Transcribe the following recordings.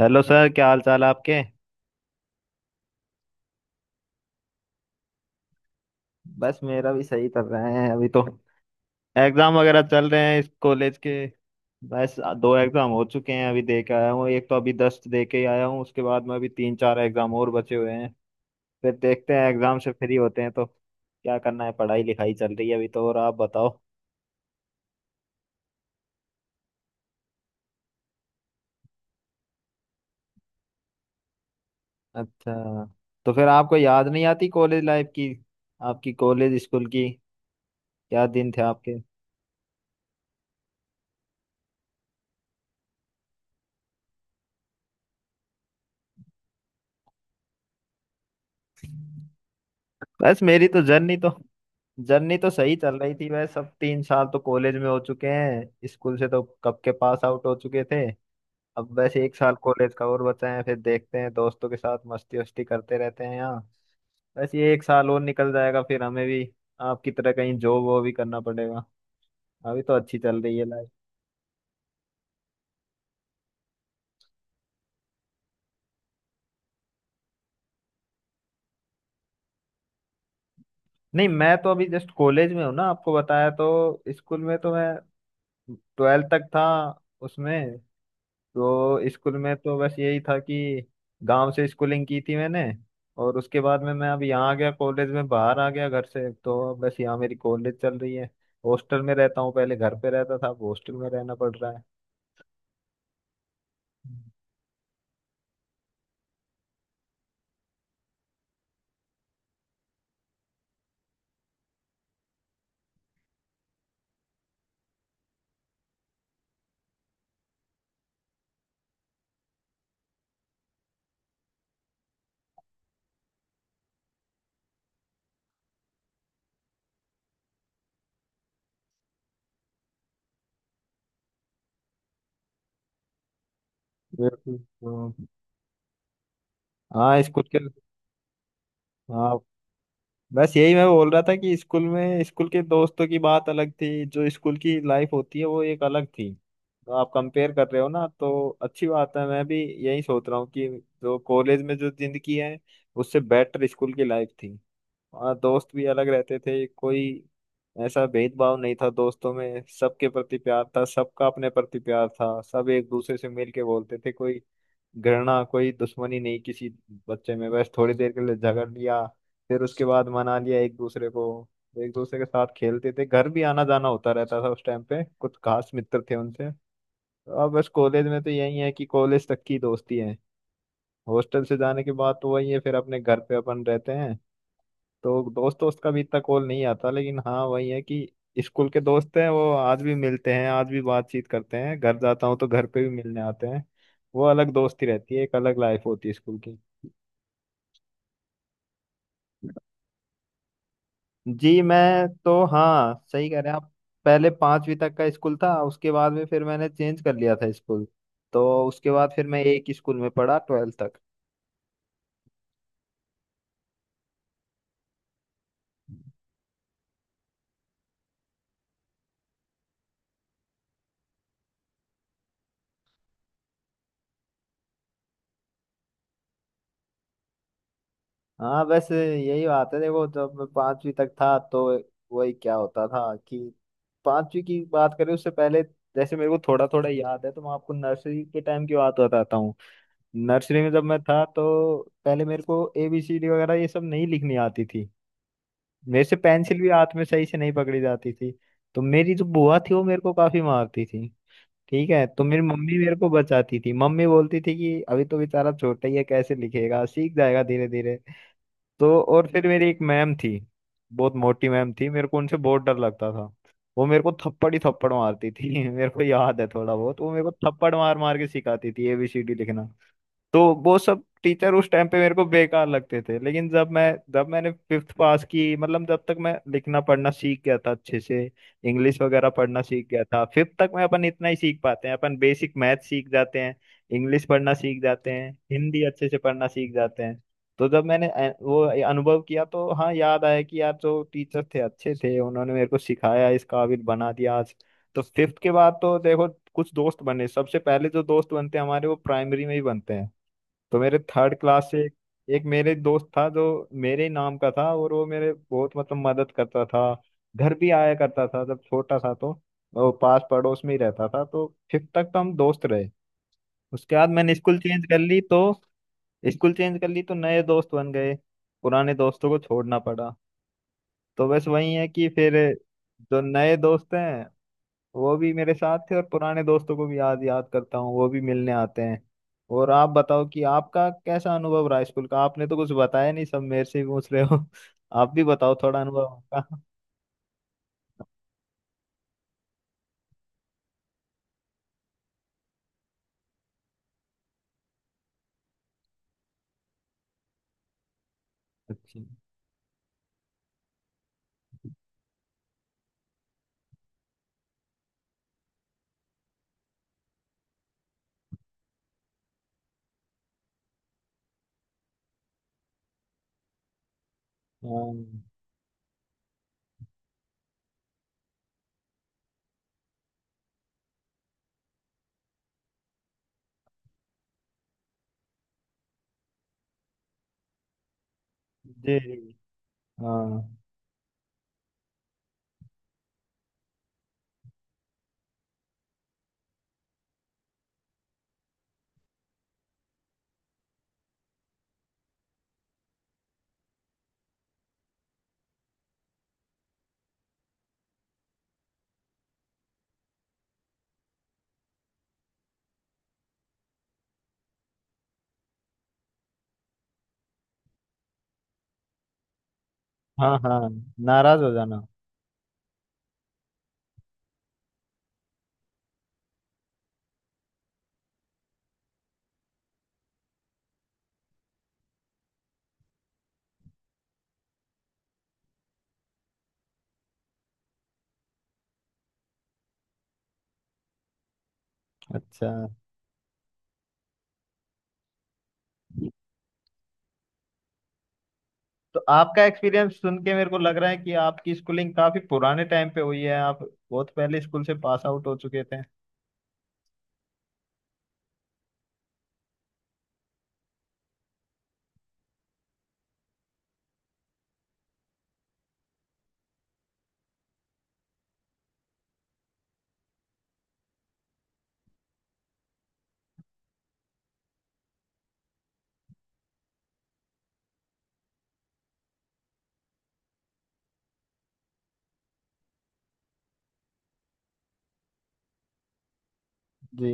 Hello sir, क्या हाल चाल है आपके। बस मेरा भी सही चल रहा है अभी तो। एग्जाम वगैरह चल रहे हैं इस कॉलेज के। बस दो एग्जाम हो चुके हैं, अभी दे के आया हूँ। एक तो अभी 10 दे के ही आया हूँ। उसके बाद में अभी तीन चार एग्जाम और बचे हुए हैं। फिर देखते हैं, एग्जाम से फ्री होते हैं तो क्या करना है। पढ़ाई लिखाई चल रही है अभी तो। और आप बताओ। अच्छा। तो फिर आपको याद नहीं आती कॉलेज लाइफ की? आपकी कॉलेज स्कूल की? क्या दिन थे आपके। बस मेरी तो जर्नी तो सही चल रही थी। बस अब 3 साल तो कॉलेज में हो चुके हैं। स्कूल से तो कब के पास आउट हो चुके थे। अब बस एक साल कॉलेज का और बचा है। फिर देखते हैं, दोस्तों के साथ मस्ती वस्ती करते रहते हैं यहाँ। बस ये एक साल और निकल जाएगा, फिर हमें भी आपकी तरह कहीं जॉब वो भी करना पड़ेगा। अभी तो अच्छी चल रही है लाइफ। नहीं, मैं तो अभी जस्ट कॉलेज में हूँ ना, आपको बताया। तो स्कूल में तो मैं 12th तक था उसमें। तो स्कूल में तो बस यही था कि गांव से स्कूलिंग की थी मैंने। और उसके बाद में मैं अब यहाँ आ गया कॉलेज में, बाहर आ गया घर से। तो बस यहाँ मेरी कॉलेज चल रही है। हॉस्टल में रहता हूँ, पहले घर पे रहता था, अब हॉस्टल में रहना पड़ रहा है। बिल्कुल तो। हाँ, स्कूल के। हाँ, बस यही मैं बोल रहा था कि स्कूल में, स्कूल के दोस्तों की बात अलग थी, जो स्कूल की लाइफ होती है वो एक अलग थी। तो आप कंपेयर कर रहे हो ना, तो अच्छी बात है। मैं भी यही सोच रहा हूँ कि जो कॉलेज में जो जिंदगी है, उससे बेटर स्कूल की लाइफ थी। वहाँ दोस्त भी अलग रहते थे। कोई ऐसा भेदभाव नहीं था दोस्तों में। सबके प्रति प्यार था, सबका अपने प्रति प्यार था। सब एक दूसरे से मिल के बोलते थे। कोई घृणा, कोई दुश्मनी नहीं किसी बच्चे में। बस थोड़ी देर के लिए झगड़ लिया, फिर उसके बाद मना लिया एक दूसरे को। एक दूसरे के साथ खेलते थे, घर भी आना जाना होता रहता था उस टाइम पे। कुछ खास मित्र थे उनसे। अब बस कॉलेज में तो यही है कि कॉलेज तक की दोस्ती है। हॉस्टल से जाने के बाद तो वही है, फिर अपने घर पे अपन रहते हैं। तो दोस्त दोस्त का भी इतना कॉल नहीं आता। लेकिन हाँ, वही है कि स्कूल के दोस्त हैं, वो आज भी मिलते हैं, आज भी बातचीत करते हैं। घर जाता हूँ तो घर पे भी मिलने आते हैं। वो अलग दोस्ती रहती है, एक अलग लाइफ होती है स्कूल की। जी, मैं तो, हाँ, सही कह रहे हैं आप। पहले पांचवी तक का स्कूल था, उसके बाद में फिर मैंने चेंज कर लिया था स्कूल। तो उसके बाद फिर मैं एक ही स्कूल में पढ़ा 12th तक। हाँ, बस यही बात है। देखो, जब मैं पांचवी तक था तो वही क्या होता था कि पांचवी की बात करें उससे पहले, जैसे मेरे को थोड़ा थोड़ा याद है, तो मैं आपको नर्सरी के टाइम की बात बताता हूँ। नर्सरी में जब मैं था तो पहले मेरे को ABCD वगैरह ये सब नहीं लिखनी आती थी। मेरे से पेंसिल भी हाथ में सही से नहीं पकड़ी जाती थी। तो मेरी जो बुआ थी वो मेरे को काफी मारती थी। ठीक है, तो मेरी मम्मी मेरे को बचाती थी, मम्मी बोलती थी कि अभी तो बेचारा छोटा ही है, कैसे लिखेगा, सीख जाएगा धीरे धीरे। तो और फिर मेरी एक मैम थी, बहुत मोटी मैम थी, मेरे को उनसे बहुत डर लगता था। वो मेरे को थप्पड़ ही थप्पड़ मारती थी। मेरे को याद है थोड़ा बहुत, वो मेरे को थप्पड़ मार मार के सिखाती थी ABCD लिखना। तो वो सब टीचर उस टाइम पे मेरे को बेकार लगते थे। लेकिन जब मैंने फिफ्थ पास की, मतलब जब तक मैं लिखना पढ़ना सीख गया था अच्छे से, इंग्लिश वगैरह पढ़ना सीख गया था फिफ्थ तक। मैं अपन इतना ही सीख पाते हैं, अपन बेसिक मैथ सीख जाते हैं, इंग्लिश पढ़ना सीख जाते हैं, हिंदी अच्छे से पढ़ना सीख जाते हैं। तो जब मैंने वो अनुभव किया, तो हाँ, याद आया कि यार जो टीचर थे अच्छे थे, उन्होंने मेरे को सिखाया, इस काबिल बना दिया आज। तो फिफ्थ के बाद तो देखो कुछ दोस्त बने। सबसे पहले जो दोस्त बनते हैं हमारे वो प्राइमरी में ही बनते हैं। तो मेरे थर्ड क्लास से एक मेरे दोस्त था, जो मेरे ही नाम का था, और वो मेरे बहुत, मतलब, मदद करता था। घर भी आया करता था जब छोटा था तो। वो पास पड़ोस में ही रहता था। तो फिफ्थ तक तो हम दोस्त रहे। उसके बाद मैंने स्कूल चेंज कर ली। तो स्कूल चेंज कर ली तो नए दोस्त बन गए, पुराने दोस्तों को छोड़ना पड़ा। तो बस वही है कि फिर जो नए दोस्त हैं वो भी मेरे साथ थे, और पुराने दोस्तों को भी याद याद करता हूँ, वो भी मिलने आते हैं। और आप बताओ कि आपका कैसा अनुभव रहा स्कूल का। आपने तो कुछ बताया नहीं, सब मेरे से ही पूछ रहे हो। आप भी बताओ थोड़ा अनुभव आपका। अच्छा। हाँ जी जी, हाँ हाँ। हाँ, नाराज हो जाना। अच्छा, तो आपका एक्सपीरियंस सुन के मेरे को लग रहा है कि आपकी स्कूलिंग काफी पुराने टाइम पे हुई है, आप बहुत पहले स्कूल से पास आउट हो चुके थे। जी।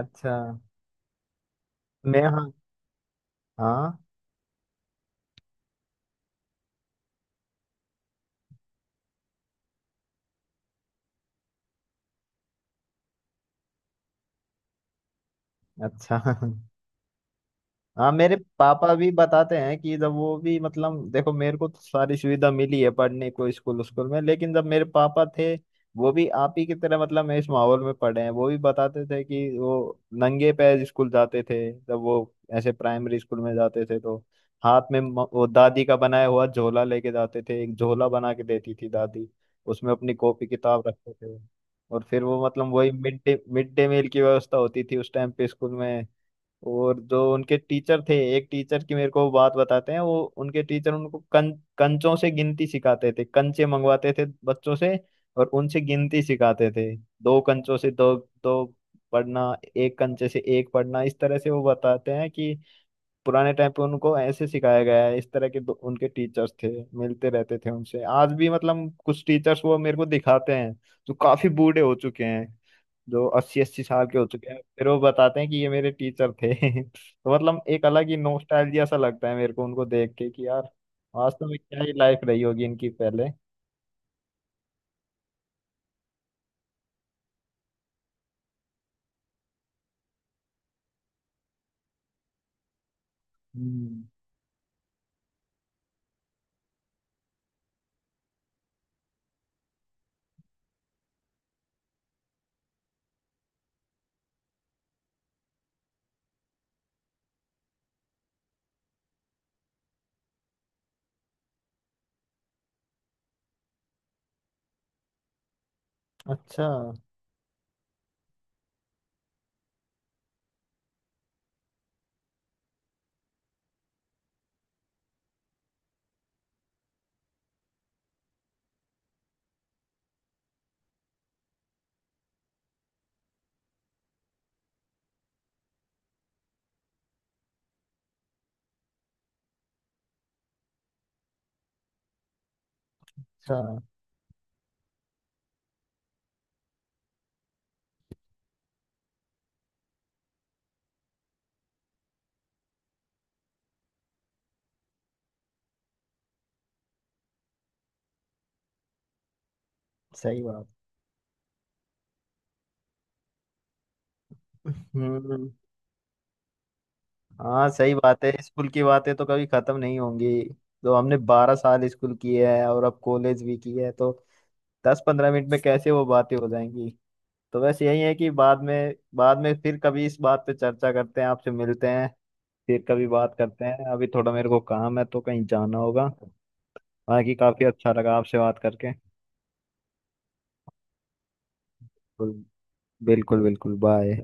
अच्छा। मैं, हाँ। हाँ। अच्छा। हाँ, मेरे पापा भी बताते हैं कि जब वो भी, मतलब, देखो मेरे को तो सारी सुविधा मिली है पढ़ने को स्कूल, स्कूल में। लेकिन जब मेरे पापा थे, वो भी आप ही की तरह मतलब इस माहौल में पढ़े हैं। वो भी बताते थे कि वो नंगे पैर स्कूल जाते थे, जब वो ऐसे प्राइमरी स्कूल में जाते थे तो हाथ में वो दादी का बनाया हुआ झोला लेके जाते थे। एक झोला बना के देती थी दादी। उसमें अपनी कॉपी किताब रखते थे। और फिर वो, मतलब, वही मिड डे मील की व्यवस्था होती थी उस टाइम पे स्कूल में। और जो उनके टीचर थे, एक टीचर की मेरे को बात बताते हैं। वो उनके टीचर उनको कंचों से गिनती सिखाते थे, कंचे मंगवाते थे बच्चों से और उनसे गिनती सिखाते थे। दो कंचों से दो, दो पढ़ना, एक कंचे से एक पढ़ना, इस तरह से। वो बताते हैं कि पुराने टाइम पे उनको ऐसे सिखाया गया है। इस तरह के दो, उनके टीचर्स थे। मिलते रहते थे उनसे आज भी, मतलब कुछ टीचर्स वो मेरे को दिखाते हैं जो काफी बूढ़े हो चुके हैं, जो अस्सी अस्सी साल के हो चुके हैं, फिर वो बताते हैं कि ये मेरे टीचर थे। तो मतलब एक अलग ही नॉस्टैल्जिया सा लगता है मेरे को उनको देख के कि यार, वास्तव में क्या ही लाइफ रही होगी इनकी पहले। हम्म। अच्छा। अच्छा, सही बात। हम्म। हाँ, सही बात है, स्कूल की बातें तो कभी खत्म नहीं होंगी। तो हमने 12 साल स्कूल किए है, और अब कॉलेज भी की है। तो 10-15 मिनट में कैसे वो बातें हो जाएंगी। तो बस यही है कि बाद में फिर कभी इस बात पे चर्चा करते हैं, आपसे मिलते हैं, फिर कभी बात करते हैं। अभी थोड़ा मेरे को काम है तो कहीं जाना होगा। बाकी काफी अच्छा लगा आपसे बात करके। बिल्कुल। बिल्कुल बिल्कुल, बाय।